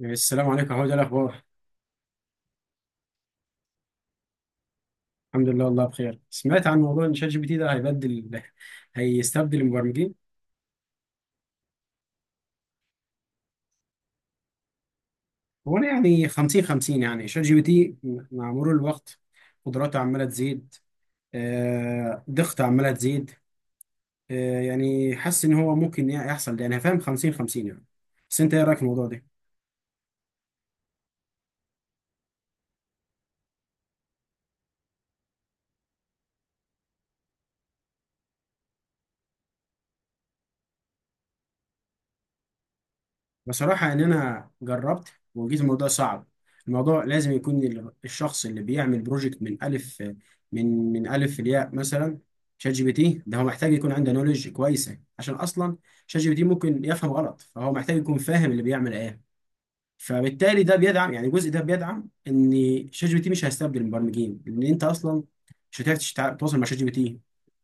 السلام عليكم، هو ده الاخبار. الحمد لله، والله بخير. سمعت عن موضوع ان شات جي بي تي ده هيستبدل المبرمجين. هو انا يعني 50 50، يعني شات جي بي تي مع مرور الوقت قدراته عماله تزيد، دقته عماله تزيد، يعني حاسس ان هو ممكن يحصل ده، يعني فاهم 50 50 يعني. بس انت ايه رايك في الموضوع ده؟ بصراحة إن أنا جربت وجيت الموضوع صعب. الموضوع لازم يكون الشخص اللي بيعمل بروجكت من ألف، من ألف لياء مثلا. شات جي بي تي ده هو محتاج يكون عنده نولج كويسة، عشان أصلا شات جي بي تي ممكن يفهم غلط، فهو محتاج يكون فاهم اللي بيعمل إيه. فبالتالي ده بيدعم، يعني الجزء ده بيدعم إن شات جي بي تي مش هيستبدل المبرمجين، لأن أنت أصلا مش هتعرف تتواصل مع شات جي بي تي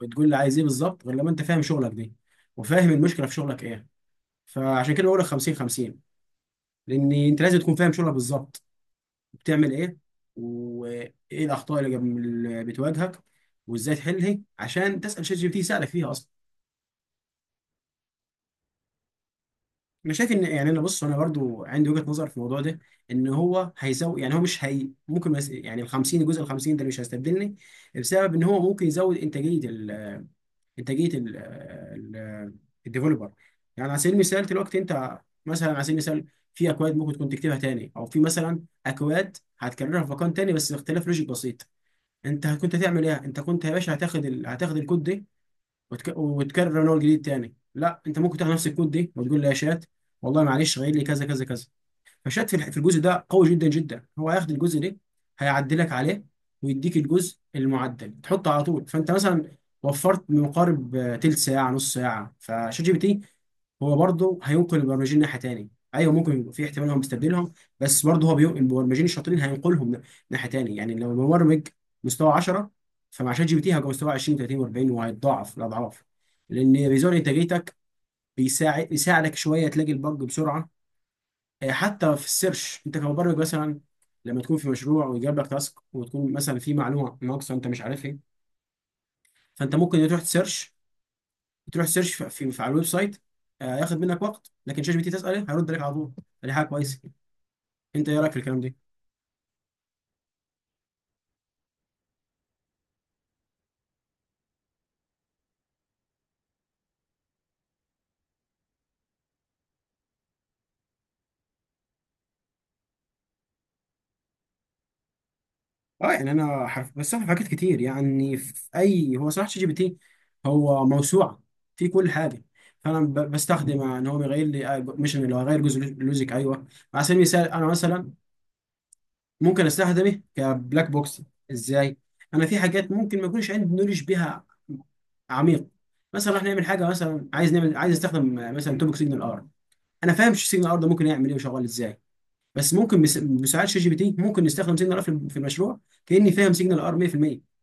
وتقول له عايز إيه بالظبط، غير لما أنت فاهم شغلك دي وفاهم المشكلة في شغلك إيه. فعشان كده بقول لك 50 50. لان انت لازم تكون فاهم شغلك بالظبط بتعمل ايه، وايه الاخطاء اللي بتواجهك، وازاي تحلها عشان تسال شات جي بي تي يساعدك فيها اصلا. انا شايف ان، يعني انا بص، انا برضو عندي وجهه نظر في الموضوع ده ان هو هيزود، يعني هو مش هي ممكن، بس يعني ال 50، الجزء ال 50 ده مش هيستبدلني بسبب ان هو ممكن يزود انتاجيه. انتاجيه ال الديفلوبر. يعني على سبيل المثال دلوقتي انت مثلا، على سبيل المثال، في اكواد ممكن تكون تكتبها تاني، او في مثلا اكواد هتكررها في مكان تاني بس باختلاف لوجيك بسيط. انت كنت هتعمل ايه؟ انت كنت يا باشا هتاخد الكود ده وتكرر من اول جديد تاني. لا، انت ممكن تاخد نفس الكود ده وتقول له يا شات، والله معلش غير لي كذا كذا كذا. فشات في في الجزء ده قوي جدا جدا. هو هياخد الجزء ده هيعدلك عليه ويديك الجزء المعدل تحطه على طول. فانت مثلا وفرت ما يقارب تلت ساعه نص ساعه. فشات جي بي تي هو برضه هينقل البرمجين ناحيه تاني. ايوه ممكن يبقى في احتمال هو مستبدلهم، بس برضه هو بينقل المبرمجين الشاطرين، هينقلهم ناحيه تاني. يعني لو المبرمج مستوى 10، فمع شات جي بي تي هيبقى مستوى 20 30 و40، وهيتضاعف الاضعاف لان بيزود انتاجيتك، بيساعد يساعدك شويه تلاقي البج بسرعه. حتى في السيرش، انت كمبرمج مثلا لما تكون في مشروع ويجيب لك تاسك وتكون مثلا في معلومه ناقصه انت مش عارف ايه، فانت ممكن تروح تسيرش، تروح تسيرش في على الويب سايت. ياخد منك وقت، لكن شات جي بي تي تساله هيرد عليك على طول. دي حاجه كويسه. انت ايه رايك في الكلام ده؟ اه يعني انا حرف، بس في حاجات كتير، يعني في اي، هو صراحه شات جي بي تي هو موسوعه في كل حاجه. فانا بستخدم ان هو بيغير لي، مش اللي هو غير جزء لوجيك، ايوه. على سبيل المثال انا مثلا ممكن استخدمه كبلاك بوكس. ازاي؟ انا في حاجات ممكن ما يكونش عندي نولج بيها عميق. مثلا راح نعمل حاجه، مثلا عايز نعمل، عايز استخدم مثلا توبك سيجنال ار. انا فاهم سيجنال ار ده ممكن يعمل ايه وشغال ازاي. بس ممكن بمساعده شات جي بي تي ممكن نستخدم سيجنال ار في في المشروع كاني فاهم سيجنال ار 100%.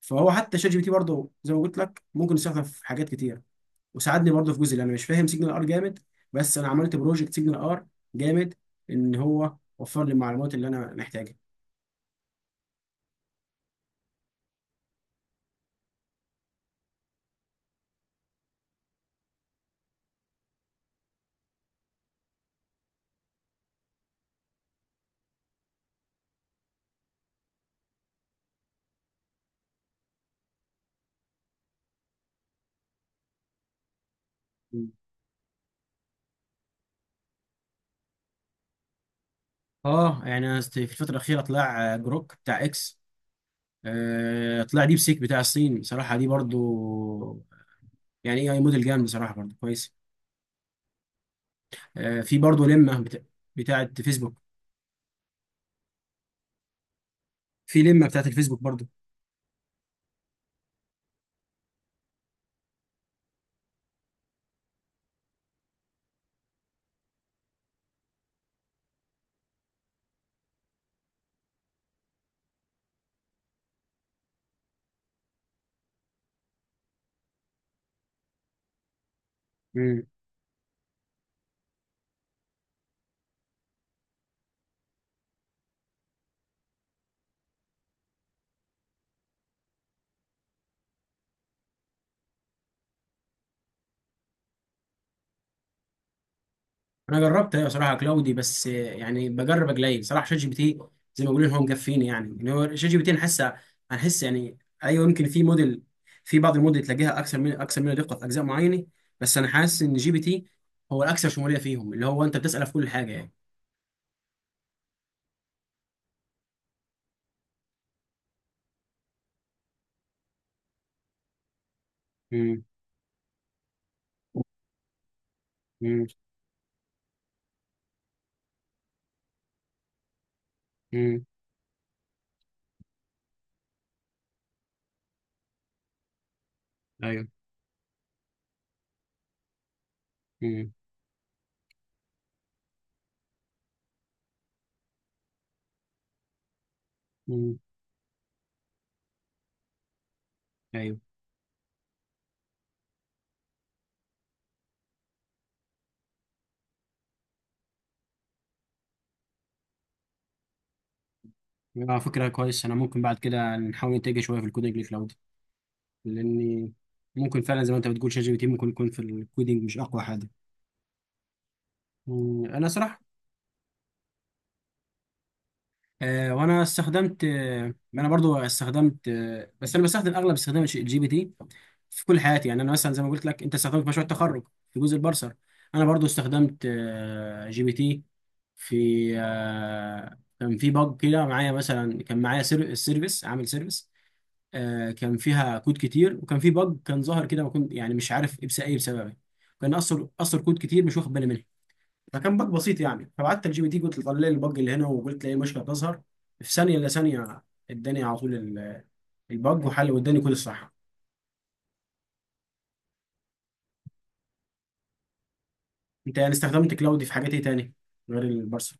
فهو حتى شات جي بي تي برضه زي ما قلت لك ممكن يستخدم في حاجات كتير. وساعدني برضه في جزء اللي انا مش فاهم سيجنال ار جامد، بس انا عملت بروجكت سيجنال ار جامد. ان هو وفر لي المعلومات اللي انا محتاجها. اه يعني أنا في الفترة الأخيرة طلع جروك بتاع اكس، طلع ديب سيك بتاع الصين بصراحة، دي برضو يعني اي اي موديل جامد بصراحة برضو كويس. في برضو لمة بتاعة فيسبوك. في لمة بتاعة الفيسبوك برضو. انا جربت ايوه صراحه كلاودي، بس يعني بجرب قليل صراحه. شات جي بي تي زي ما بيقولوا هو مكفيني، يعني ان هو شات جي بي تي نحس هنحس يعني. ايوه يمكن في موديل، في بعض الموديل تلاقيها اكثر منها دقه في اجزاء معينه. بس انا حاسس ان جي بي تي هو الاكثر شموليه فيهم، اللي هو انت بتساله في كل حاجه يعني. مم. مم. مم. ايوه. مم. مم. ايوه. اه فكره كويس. انا ممكن بعد كده نحاول نتجه شويه في الكودينج لكلاود، لاني ممكن فعلا زي ما انت بتقول شات جي بي تي ممكن يكون في الكودينج مش اقوى حاجه. مم، انا صراحه، وانا استخدمت، انا برضو استخدمت، بس انا بستخدم اغلب استخدام الجي بي تي في كل حياتي. يعني انا مثلا زي ما قلت لك انت استخدمت في مشروع التخرج في جزء البرسر. انا برضو استخدمت جي بي تي في، كان في باج كده معايا مثلا، كان معايا السيرفيس عامل سيرفيس. كان فيها كود كتير وكان في باج كان ظاهر كده، ما كنت يعني مش عارف ايه إيه بسببه. كان اثر كود كتير مش واخد بالي منه، فكان باج بسيط يعني. فبعت الجي بي تي قلت له طلع لي الباج اللي هنا، وقلت له ايه مشكله تظهر. في ثانيه الا ثانيه اداني على طول الباج وحل واداني كل الصح. انت يعني استخدمت كلاودي في حاجات ايه تاني غير البارسل؟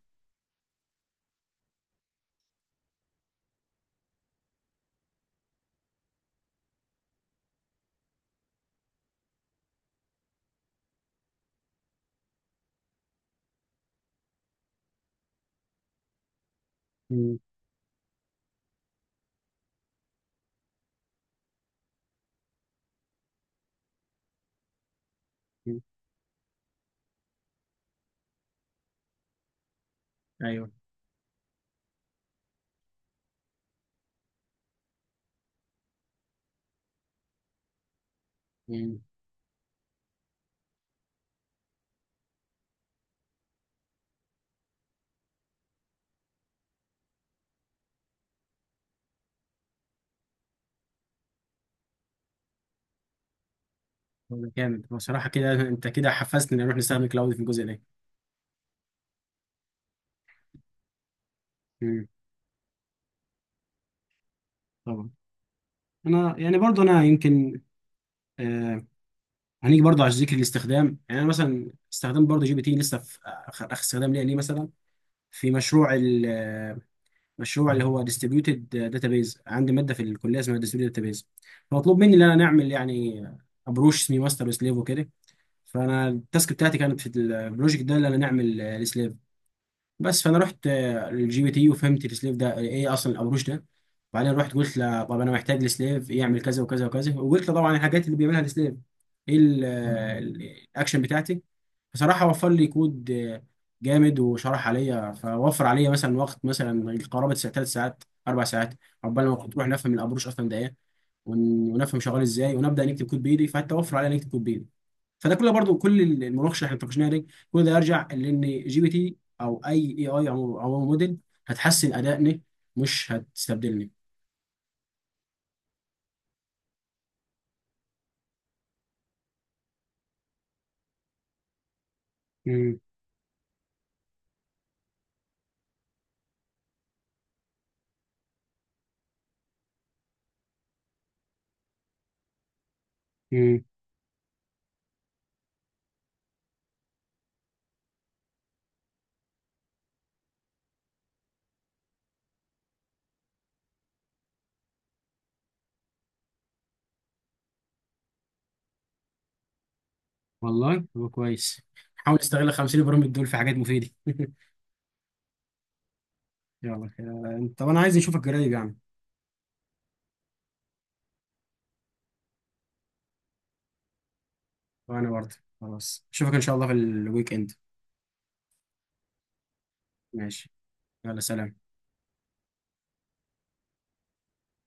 مم. مم. ايوه. مم. هو جامد بصراحه كده، انت كده حفزتني نروح نستخدم كلاودي في الجزء ده. مم. طبعا. انا يعني برضو، انا يمكن، آه هنيجي برضو على ذكر الاستخدام. يعني انا مثلا استخدام برضو جي بي تي لسه في اخر آخر استخدام ليا ليه مثلا، في مشروع، مشروع اللي هو ديستريبيوتد داتابيز. عندي ماده في الكليه اسمها ديستريبيوتد داتابيز، فمطلوب مني ان انا نعمل يعني ابروش اسمه ماستر وسليف وكده. فانا التاسك بتاعتي كانت في البروجكت ده اللي انا نعمل السليف بس. فانا رحت للجي بي تي وفهمت السليف ده ايه اصلا، الابروش ده. وبعدين رحت قلت له طب انا محتاج السليف يعمل كذا وكذا وكذا، وقلت له طبعا الحاجات اللي بيعملها السليف ايه الاكشن بتاعتي. بصراحة وفر لي كود جامد وشرح عليا. فوفر عليا مثلا وقت مثلا قرابة ثلاث ساعات أربع ساعات عقبال ما كنت أروح نفهم القبروش أصلا ده إيه، ونفهم شغال إزاي ونبدأ نكتب كود بإيدي. فحتى وفر عليا نكتب كود بإيدي. فده كله برضو كل المناقشة اللي احنا اتناقشناها دي، كل ده يرجع لأن جي بي تي أو أي إي أي أو موديل هتحسن أدائني مش هتستبدلني. امم. امم. والله هو كويس. حاول تستغل 50 برامج دول في حاجات مفيدة يلا طب أنا عايز أشوفك قريب يعني. وانا برضه. خلاص اشوفك ان شاء الله في الويك اند. ماشي. يلا سلام.